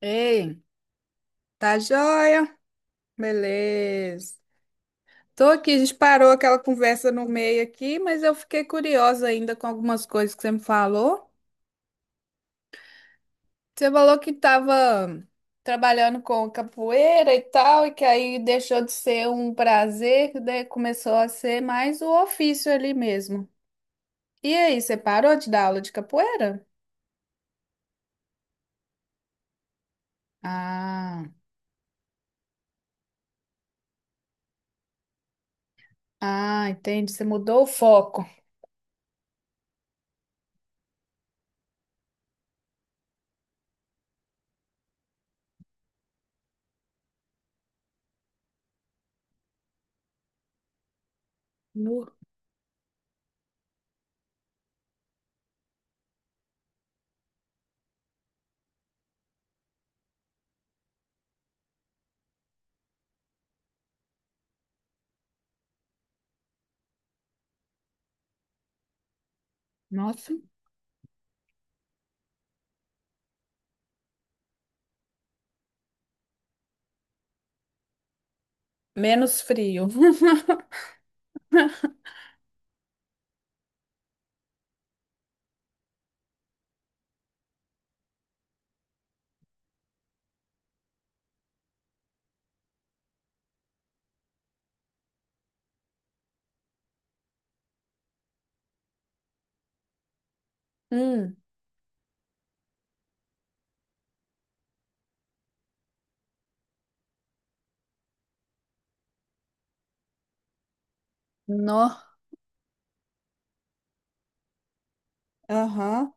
Ei, tá joia? Beleza. Tô aqui, a gente parou aquela conversa no meio aqui, mas eu fiquei curiosa ainda com algumas coisas que você me falou. Você falou que tava trabalhando com capoeira e tal, e que aí deixou de ser um prazer, que daí começou a ser mais o ofício ali mesmo. E aí, você parou de dar aula de capoeira? Ah, entendi. Você mudou o foco. No- Nossa, menos frio. Hum, nó. Aham.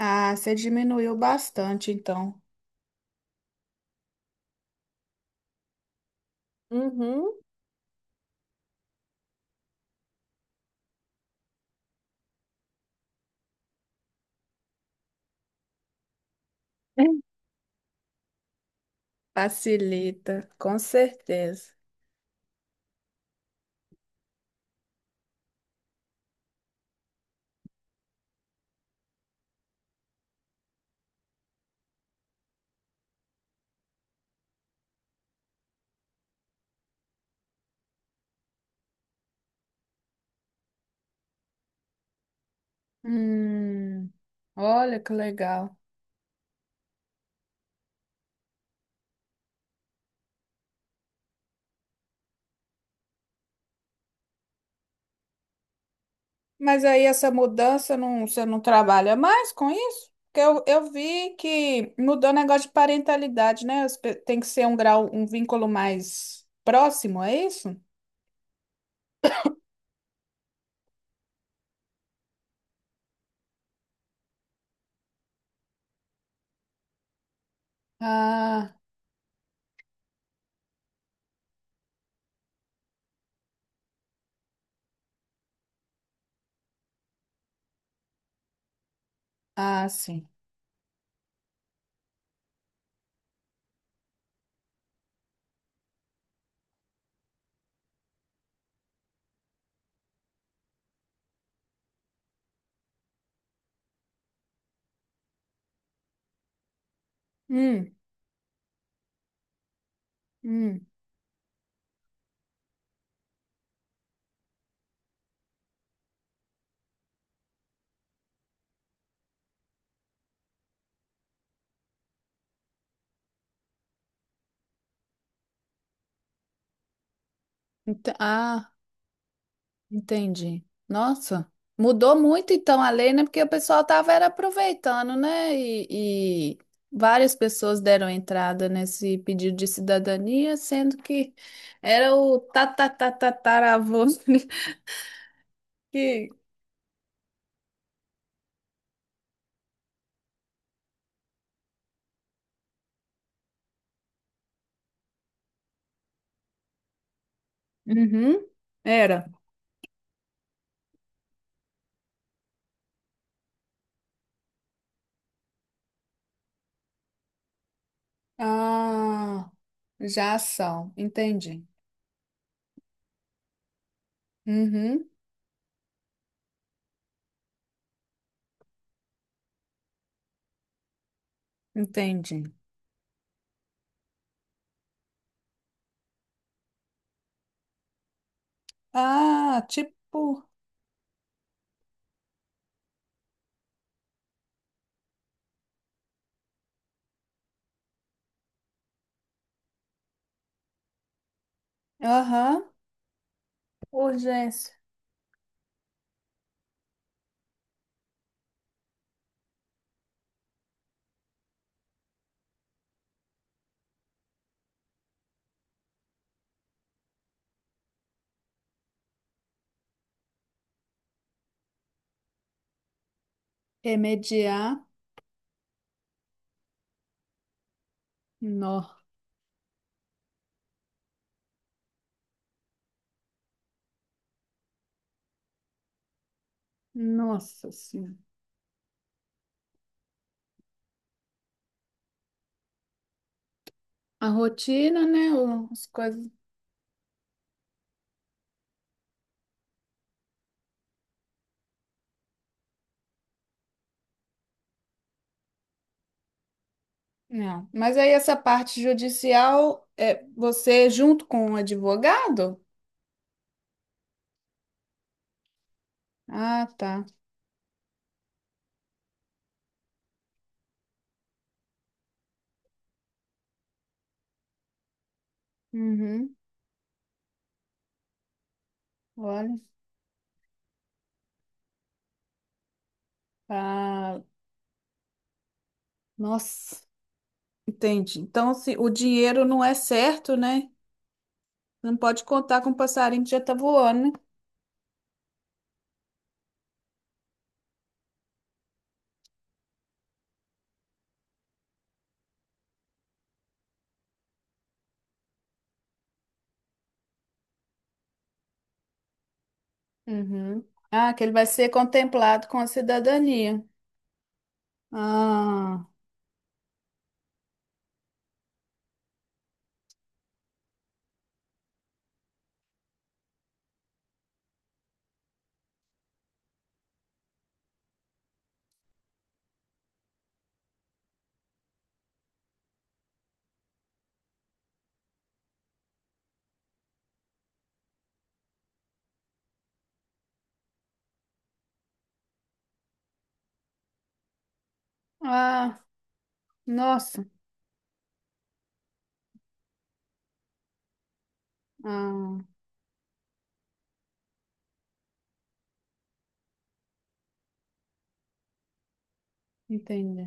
Ah, você diminuiu bastante, então. Uhum. Facilita, com certeza. Hum, olha que legal. Mas aí essa mudança, não, você não trabalha mais com isso? Porque eu vi que mudou o negócio de parentalidade, né? Tem que ser um grau, um vínculo mais próximo, é isso? Ah, sim. Hum, hum. Então, ah. Entendi. Nossa, mudou muito então a lei, né? Porque o pessoal tava era aproveitando, né? E várias pessoas deram entrada nesse pedido de cidadania, sendo que era o tatatataravô que. Uhum, era. Ah, já são, entendi. Uhum, entendi. Ah, tipo, aham, urgência. Remediar. No. Nossa Senhora. A rotina, né? As coisas. Não. Mas aí essa parte judicial é você junto com o advogado? Ah, tá. Uhum. Olha, tá. Nossa, entendi. Então, se o dinheiro não é certo, né? Não pode contar com o passarinho que já tá voando, né? Uhum. Ah, que ele vai ser contemplado com a cidadania. Ah, ah, nossa. Ah, entendi.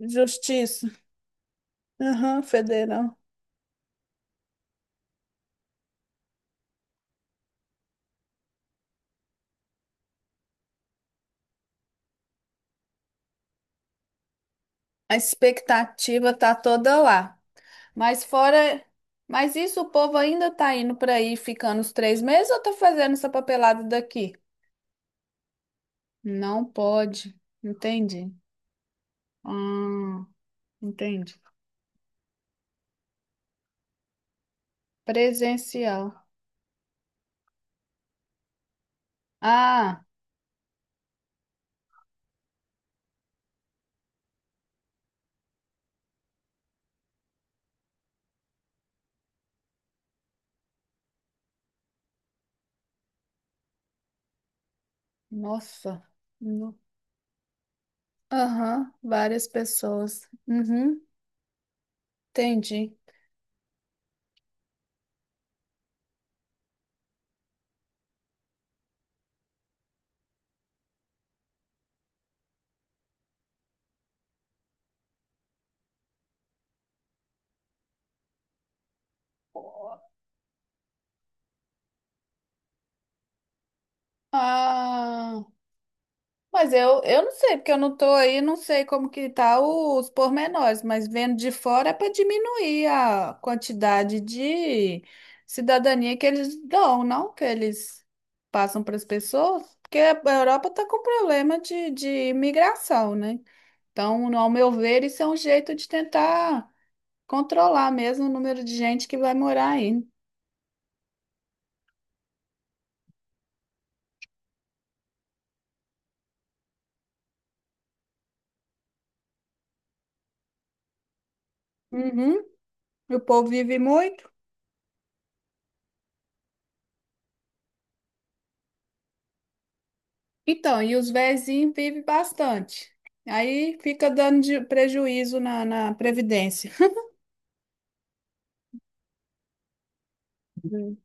Justiça. Aham, federal. A expectativa tá toda lá. Mas fora, mas isso o povo ainda tá indo para aí ficando os 3 meses ou tá fazendo essa papelada daqui? Não pode. Entendi. Ah, entendi. Presencial. Ah, nossa. No- Aham, várias pessoas. Uhum, entendi. Ah, mas eu não sei, porque eu não tô aí, não sei como que tá os pormenores, mas vendo de fora é para diminuir a quantidade de cidadania que eles dão, não que eles passam para as pessoas, porque a Europa está com problema de imigração, né? Então, ao meu ver, isso é um jeito de tentar controlar mesmo o número de gente que vai morar aí. Uhum. O povo vive muito. Então, e os vizinhos vivem bastante. Aí fica dando prejuízo na Previdência. Hum.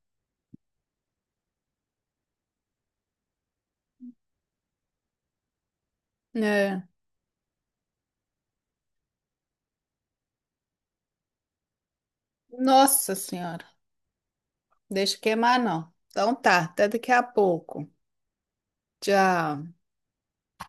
É. Nossa Senhora, deixa queimar não. Então tá, até daqui a pouco. Tchau.